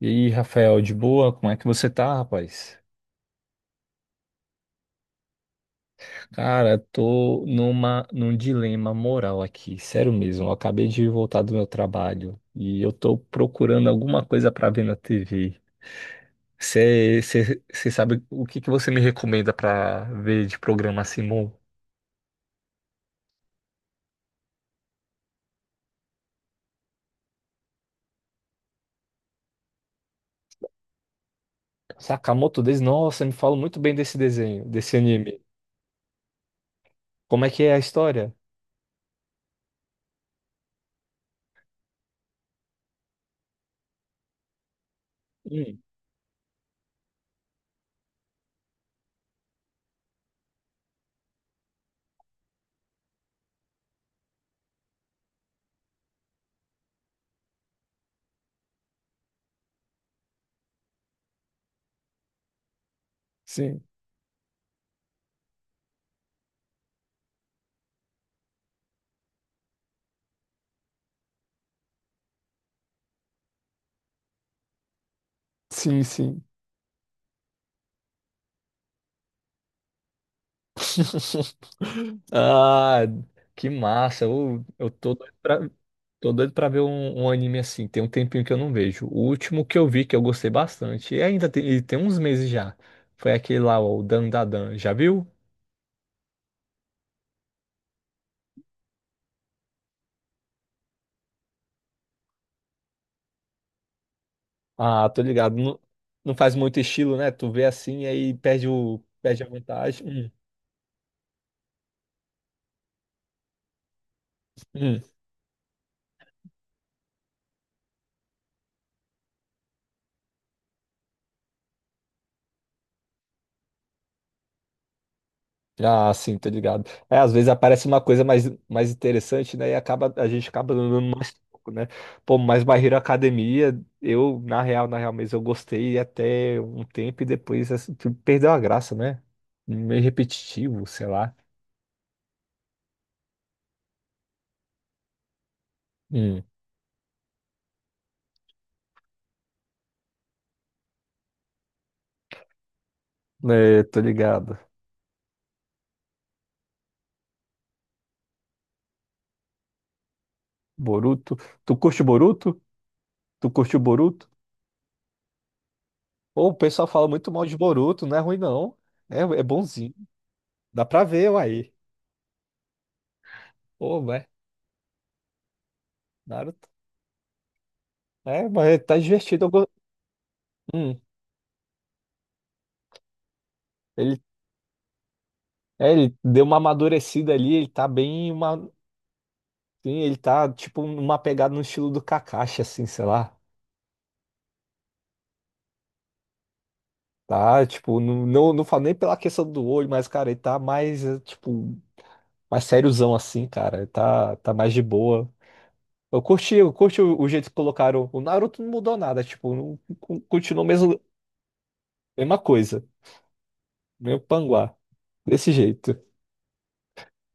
E aí, Rafael, de boa? Como é que você tá, rapaz? Cara, tô num dilema moral aqui, sério mesmo. Eu acabei de voltar do meu trabalho e eu tô procurando alguma coisa pra ver na TV. Você sabe o que que você me recomenda pra ver de programa assim, Sakamoto Days? Nossa, me fala muito bem desse desenho, desse anime. Como é que é a história? Hum, sim. Sim, sim. Ah, que massa. Eu tô doido pra ver um, um anime assim. Tem um tempinho que eu não vejo. O último que eu vi que eu gostei bastante, e ainda tem, e tem uns meses já, foi aquele lá, ó, o Dandadan. Já viu? Ah, tô ligado. Não, não faz muito estilo, né? Tu vê assim e aí perde a vantagem. Hum. Ah, sim, tô ligado. É, às vezes aparece uma coisa mais interessante, né? A gente acaba andando mais pouco, né? Pô, mas My Hero Academia, eu, na real, na real mesmo, eu gostei até um tempo e depois assim, perdeu a graça, né? Meio repetitivo, sei lá. Hum. É, tô ligado. Boruto. Tu curte o Boruto? Tu curte o Boruto? Pô, o pessoal fala muito mal de Boruto, não é ruim, não. É, é bonzinho. Dá pra ver, uai. Pô, velho Naruto. É, mas tá divertido. Hum. Ele ele deu uma amadurecida ali, ele tá sim, ele tá tipo numa pegada no estilo do Kakashi assim, sei lá. Tá, tipo, não, não, não falo nem pela questão do olho, mas cara, ele tá mais tipo, mais sériozão assim, cara. Ele tá mais de boa. Eu curti o jeito que colocaram. O Naruto não mudou nada, tipo, não, continuou mesmo mesma coisa, meio panguá, desse jeito.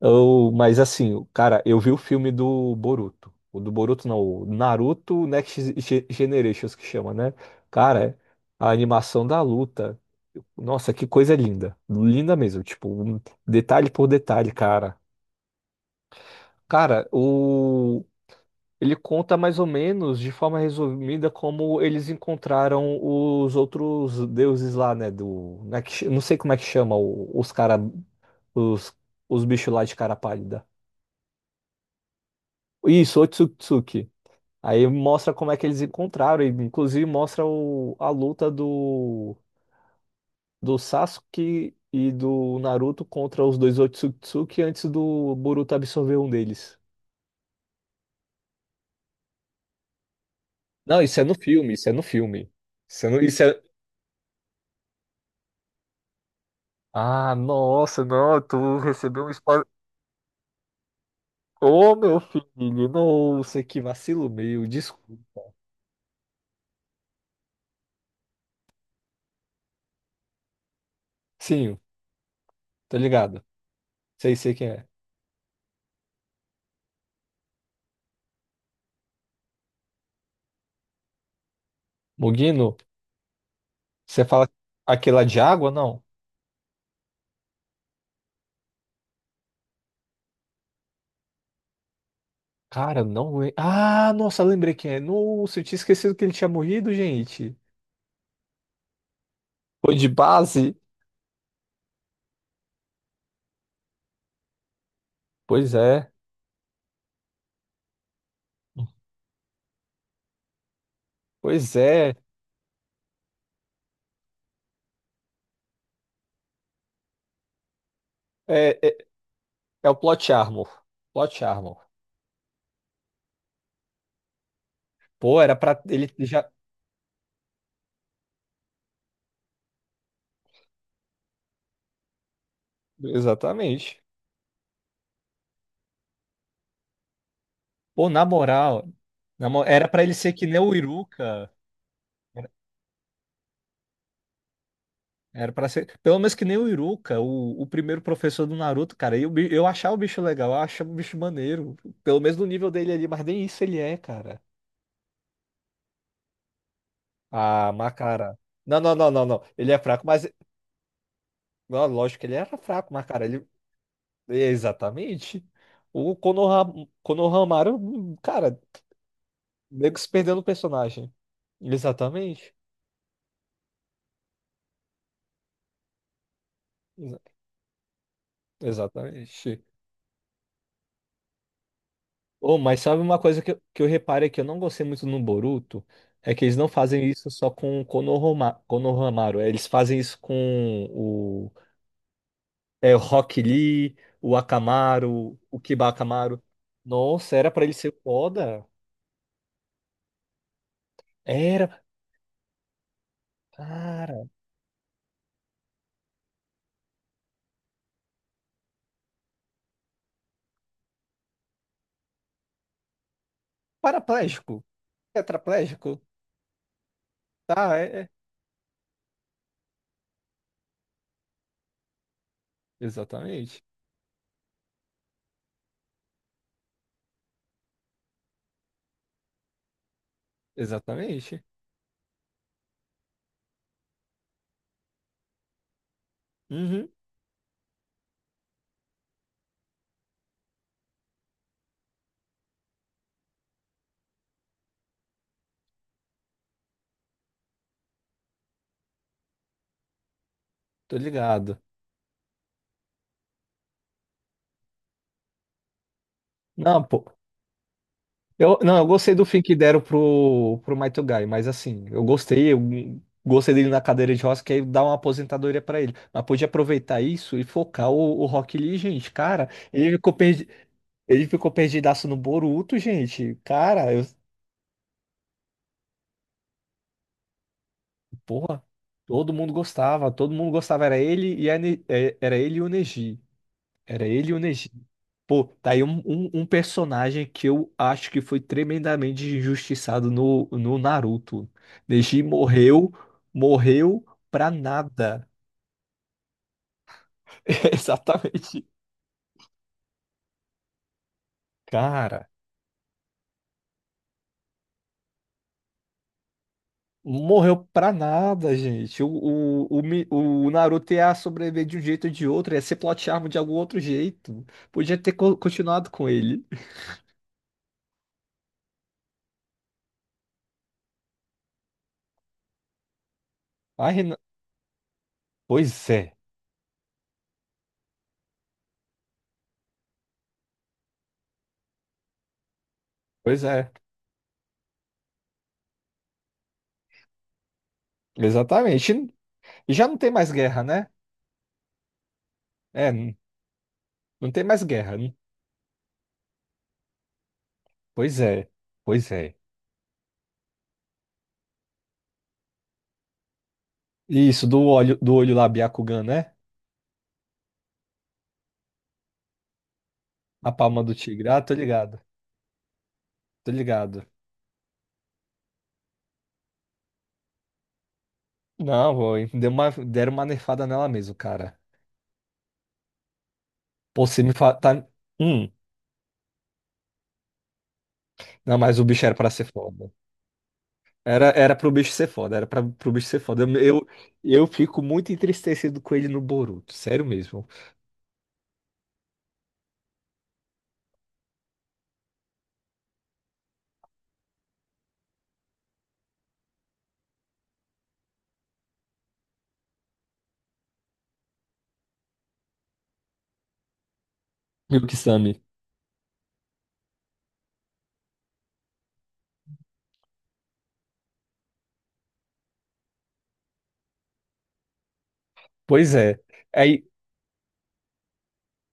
Mas assim, cara, eu vi o filme do Boruto. O do Boruto não, o Naruto Next Generations que chama, né? Cara, a animação da luta. Nossa, que coisa linda. Linda mesmo, tipo, um detalhe por detalhe, cara. Cara, o ele conta mais ou menos de forma resumida como eles encontraram os outros deuses lá, né, né, não sei como é que chama os, os bichos lá de cara pálida. Isso, Otsutsuki. Aí mostra como é que eles encontraram, e inclusive mostra a luta do Sasuke e do Naruto contra os dois Otsutsuki antes do Boruto absorver um deles. Não, isso é no filme, isso é no filme. Isso é no- isso é- Ah, nossa, não, tu recebeu um spoiler. Ô, meu filho, nossa, que vacilo meu, desculpa. Sim, tá ligado? Sei, sei quem é. Mugino, você fala aquela de água, não? Cara, não. Ah, nossa, lembrei quem é. Nossa, eu tinha esquecido que ele tinha morrido, gente. Foi de base? Pois é. Pois é. É, é, é o Plot Armor. Plot Armor. Pô, era pra ele já. Exatamente. Pô, na moral, era pra ele ser que nem o Iruka. Era era pra ser. Pelo menos que nem o Iruka, o primeiro professor do Naruto, cara. Eu achava o bicho legal, eu achava o bicho maneiro. Pelo menos no nível dele ali, mas nem isso ele é, cara. Ah, Macara. Não, não, não, não, não. Ele é fraco, mas. Não, lógico que ele era fraco, mas, cara, ele. Exatamente. O Konohamaru, cara, meio que se perdendo o personagem. Exatamente. Exa- Exatamente. Oh, mas sabe uma coisa que eu reparei que eu não gostei muito no Boruto? É que eles não fazem isso só com o Konohamaru. É, eles fazem isso com o. É, o Rock Lee, o Akamaru, o Kiba Akamaru. Nossa, era pra ele ser foda. Era, cara, paraplégico, tetraplégico, tá, é, é. Exatamente, exatamente, uhum, tô ligado. Não, pô, eu, não, eu gostei do fim que deram pro, pro Might Guy, mas assim, eu gostei dele na cadeira de rodas, que aí dá uma aposentadoria pra ele, mas podia aproveitar isso e focar o Rock Lee, gente, cara, ele ficou perdidaço no Boruto, gente, cara, porra. Todo mundo gostava, era ele e o Neji. Era ele e o Neji. Pô, tá aí um personagem que eu acho que foi tremendamente injustiçado no, no Naruto. Neji morreu, morreu pra nada. Exatamente. Cara, morreu pra nada, gente. O Naruto ia sobreviver de um jeito ou de outro, ia ser plot armor de algum outro jeito. Podia ter continuado com ele. Ai, pois é, pois é. Exatamente. E já não tem mais guerra, né? É, não tem mais guerra, né? Pois é, pois é. Isso, do olho lá, Byakugan, né? A palma do tigre. Ah, tô ligado, tô ligado. Não, foi. Deram uma nerfada nela mesmo, cara. Pô, você me fala. Tá... Hum. Não, mas o bicho era pra ser foda. Era pro bicho ser foda, pro bicho ser foda. Eu fico muito entristecido com ele no Boruto, sério mesmo. Milksami. Pois é. Aí,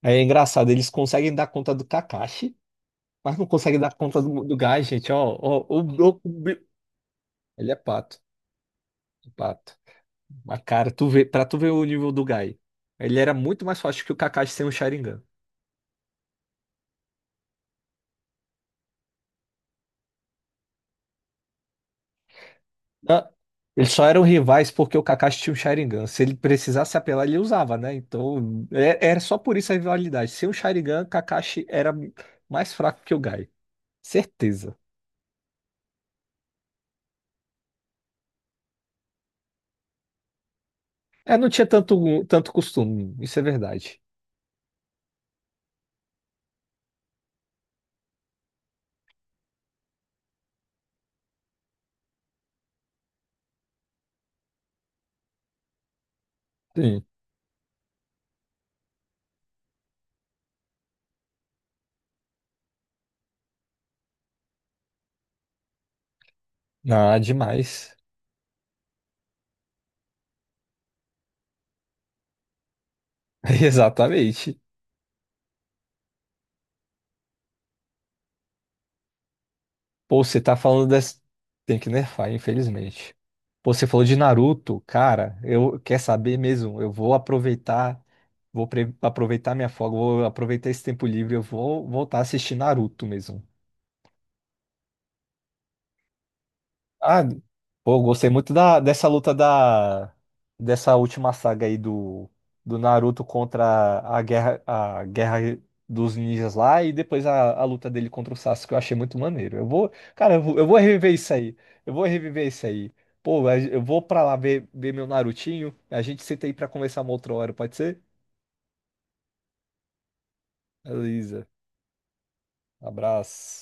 aí é engraçado, eles conseguem dar conta do Kakashi. Mas não conseguem dar conta do gás, gente. Ele é pato, pato. Mas, cara, pra tu ver o nível do Gai, ele era muito mais forte que o Kakashi sem o Sharingan. Ah, eles só eram rivais porque o Kakashi tinha um Sharingan. Se ele precisasse apelar, ele usava, né? Então, era só por isso a rivalidade. Sem o Sharingan, Kakashi era mais fraco que o Gai. Certeza. É, não tinha tanto, tanto costume, isso é verdade. Sim. Ah, demais. Exatamente. Pô, você tá falando dessa. Tem que nerfar, infelizmente. Pô, você falou de Naruto, cara. Eu quer saber mesmo? Eu vou aproveitar minha folga, vou aproveitar esse tempo livre, eu vou voltar a assistir Naruto mesmo. Ah, pô, eu gostei muito dessa luta dessa última saga aí do Naruto contra a guerra dos ninjas lá e depois a luta dele contra o Sasuke, eu achei muito maneiro. Cara, eu vou reviver isso aí. Eu vou reviver isso aí. Pô, eu vou pra lá ver, meu Narutinho. A gente senta aí pra conversar uma outra hora, pode ser? Beleza. Abraço.